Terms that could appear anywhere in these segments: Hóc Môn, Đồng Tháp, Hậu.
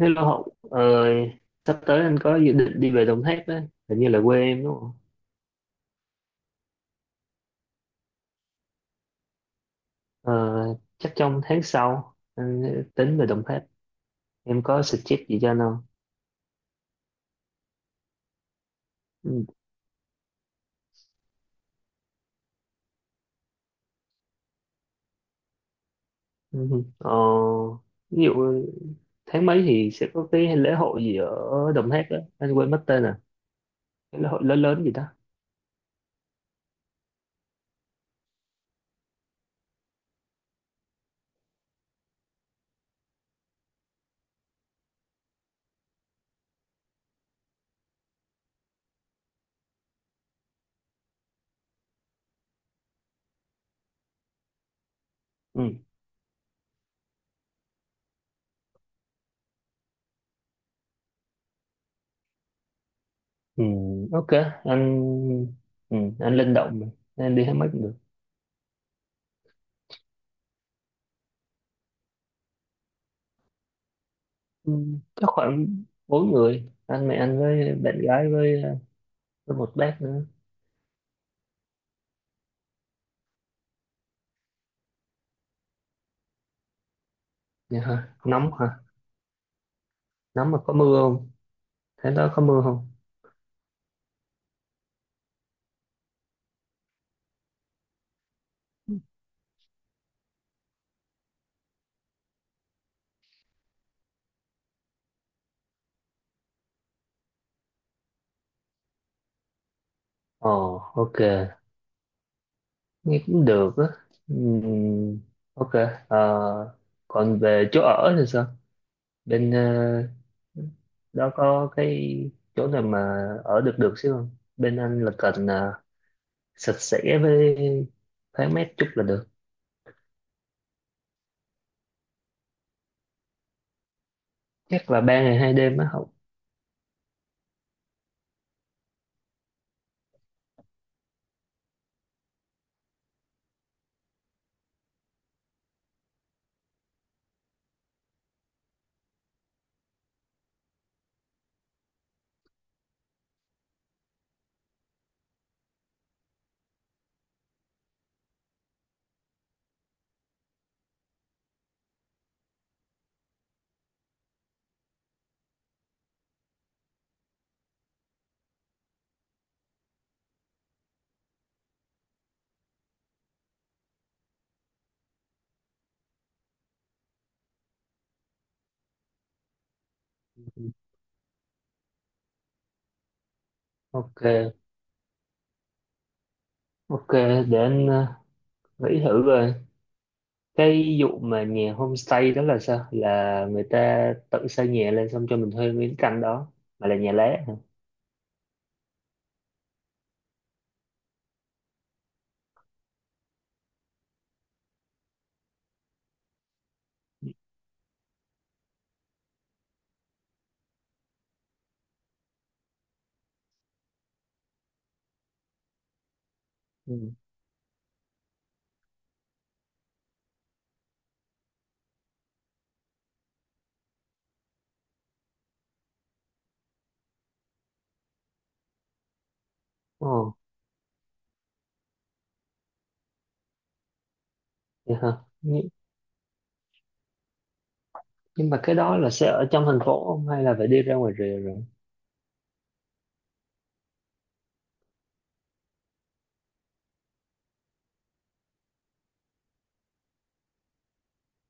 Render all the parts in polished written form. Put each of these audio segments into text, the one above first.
Hello Hậu, sắp tới anh có dự định đi về Đồng Tháp đấy, hình như là quê em đúng không? Ờ, Chắc trong tháng sau anh tính về Đồng Tháp, em có suggest gì cho anh không? Ừ, ừ. Ừ. Ví dụ tháng mấy thì sẽ có cái lễ hội gì ở Đồng Tháp đó, anh quên mất tên à, cái lễ hội lớn lớn gì đó. Ừ, ừ, ok, anh anh linh động mà, anh đi tháng mấy cũng được. Ừ, chắc khoảng bốn người, anh mẹ anh với bạn gái với một bác nữa. Dạ hả? Nóng hả? Nóng mà có mưa không? Thế đó có mưa không? Ồ, ok. Nghe cũng được á. Ừm, ok. Ờ, Còn về chỗ ở thì sao? Bên đó có cái chỗ nào mà ở được được xíu không? Bên anh là cần sạch sẽ với thoáng mát chút là được. Chắc là 3 ngày 2 đêm á. Không. Ok. Ok, để anh nghĩ thử rồi. Cái vụ mà nhà homestay đó là sao, là người ta tự xây nhà lên xong cho mình thuê miếng căn đó, mà là nhà lá hả? Ừ. Ồ, vậy hả? Nhưng, nhưng mà cái đó là sẽ ở trong thành phố không hay là phải đi ra ngoài rìa rồi?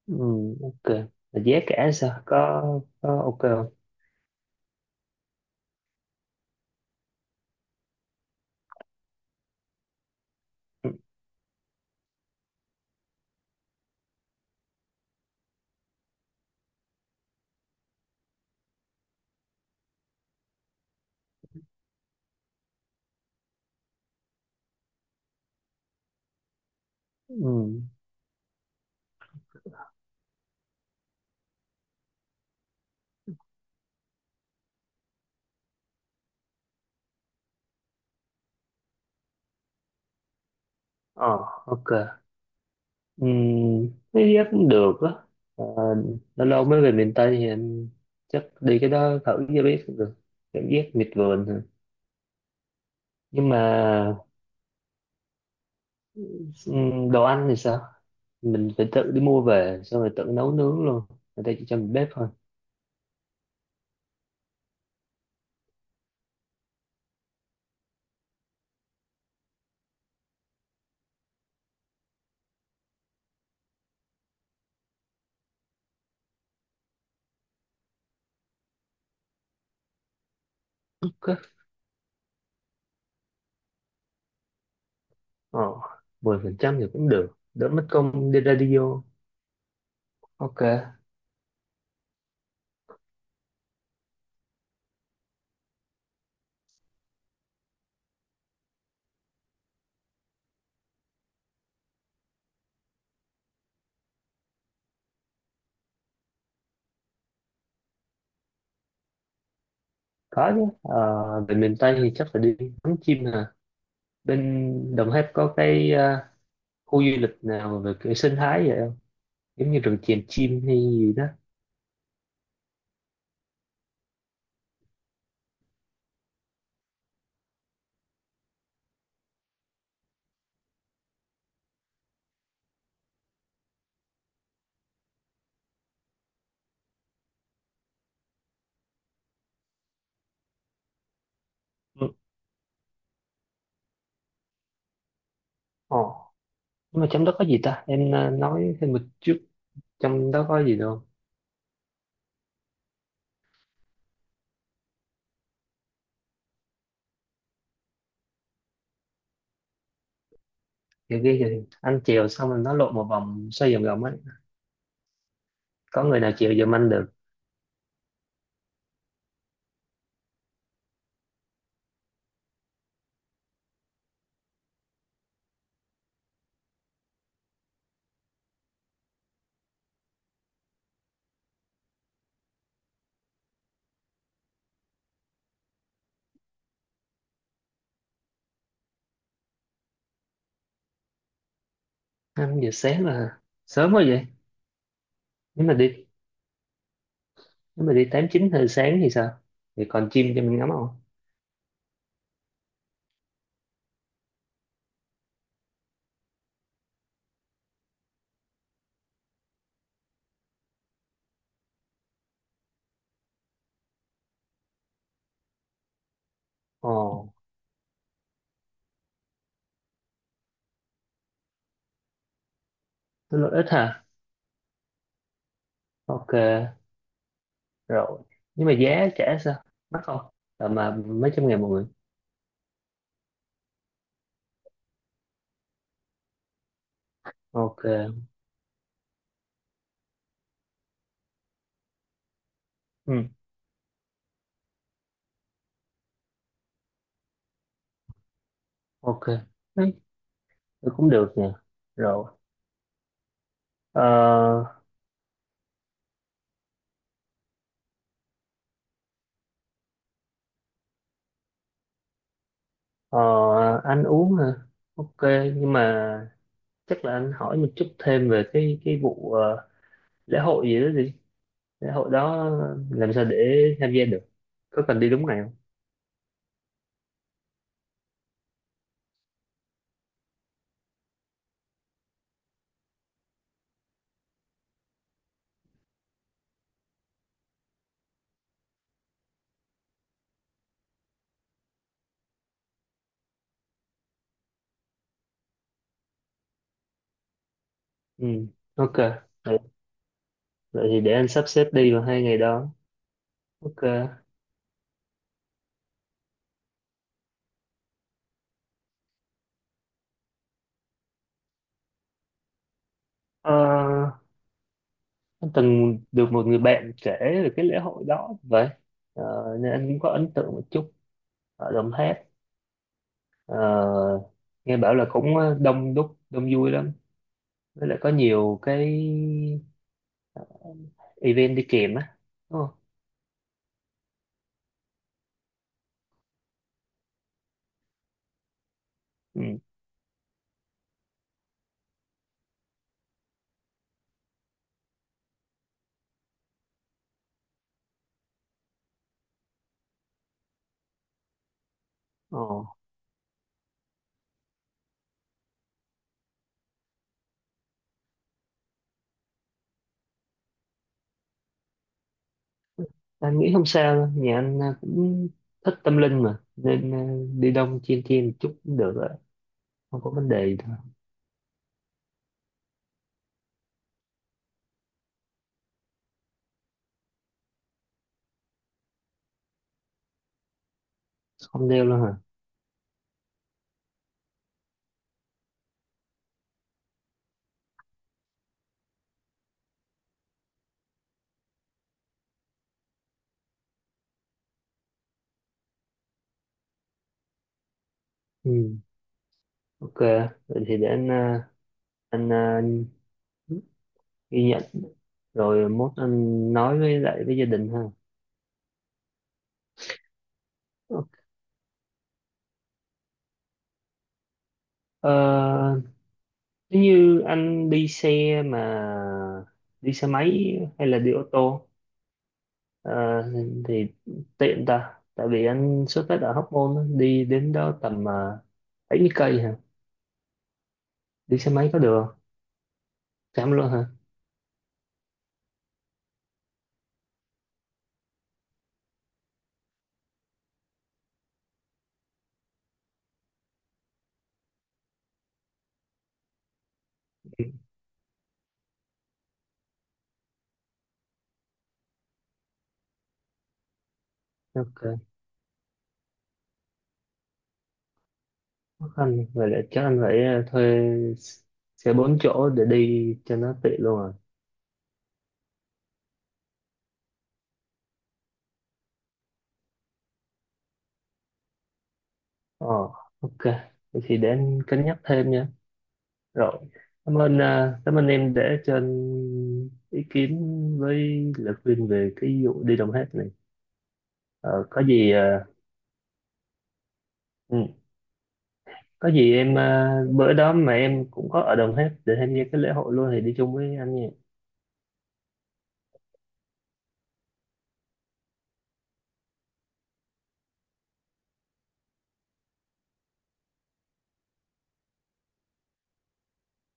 Ừ, ok, là giá cả sao, có ok không? Ừ. Ừ. Ờ, ok. Ừ, cái giá cũng được á. Ờ, Lâu lâu mới về miền Tây thì em chắc đi cái đó thử cho biết cũng được, cảm giác miệt vườn hả? Nhưng mà Ừ, đồ ăn thì sao, mình phải tự đi mua về xong rồi tự nấu nướng luôn, người ta chỉ cho mình bếp thôi? Ok. ờ 10% thì cũng được, đỡ mất công đi radio. Ok. Có chứ, về miền Tây thì chắc phải đi ngắm chim hả, bên Đồng Tháp có cái khu du lịch nào về cái sinh thái vậy không, giống như rừng chèm chim hay gì đó? Ừ. ờ nhưng mà trong đó có gì ta, em nói thêm một chút, trong đó có gì đâu? Kiểu kia thì anh chèo xong rồi nó lộ một vòng xoay vòng vòng ấy, có người nào chịu giùm anh được? 5 giờ sáng là sớm quá vậy. Nếu mà đi, nếu mà đi tám chín giờ sáng thì sao, thì còn chim cho mình ngắm không? Ồ, nó lợi ích hả? Ok, rồi, nhưng mà giá trả sao, mắc không, tầm mà mấy trăm ngàn một người? Ok. Ừ. Ok. Đấy, thì cũng được nè. Rồi. ờ, ờ, anh uống hả? Ok, nhưng mà chắc là anh hỏi một chút thêm về cái vụ lễ hội gì đó. Thế hội đó làm sao để tham gia được, có cần đi đúng ngày không? Ừ. Ok. Vậy, vậy thì để anh sắp xếp đi vào hai ngày đó. Ok. Ờ, anh từng được một người bạn kể về cái lễ hội đó vậy. Ờ, Nên anh cũng có ấn tượng một chút ở Đồng Tháp. Ờ, Nghe bảo là cũng đông đúc đông vui lắm, với lại có nhiều cái event đi kèm á, đúng không? Ừ. Ờ. Anh nghĩ không sao đâu, nhà anh à, cũng thích tâm linh mà nên à, đi đông chiên chiên một chút cũng được rồi, không có vấn đề gì đâu. Không đeo luôn hả? Ừ. Ok, vậy thì để anh ghi nhận rồi mốt anh nói với lại với gia đình ha. Ok. Ờ, Nếu như anh đi xe mà đi xe máy hay là đi ô tô ờ, thì tiện ta, tại vì anh xuất phát ở Hóc Môn á, đi đến đó tầm 70 cây hả, đi xe máy có được? Chấm luôn hả? Ok. Khó khăn. Vậy là chắc anh phải thuê xe bốn chỗ để đi cho nó tiện luôn rồi. Ờ, ok. Vậy thì để anh cân nhắc thêm nha. Rồi. Cảm ơn em để cho anh ý kiến với lời khuyên về cái vụ đi Đồng Tháp này. Ờ, có gì, ờ, ừ, có gì em bữa đó mà em cũng có ở Đồng Tháp để tham gia cái lễ hội luôn thì đi chung với anh nha.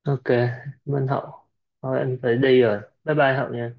Ok. Cảm ơn Hậu. Thôi anh phải đi rồi. Bye bye Hậu nha.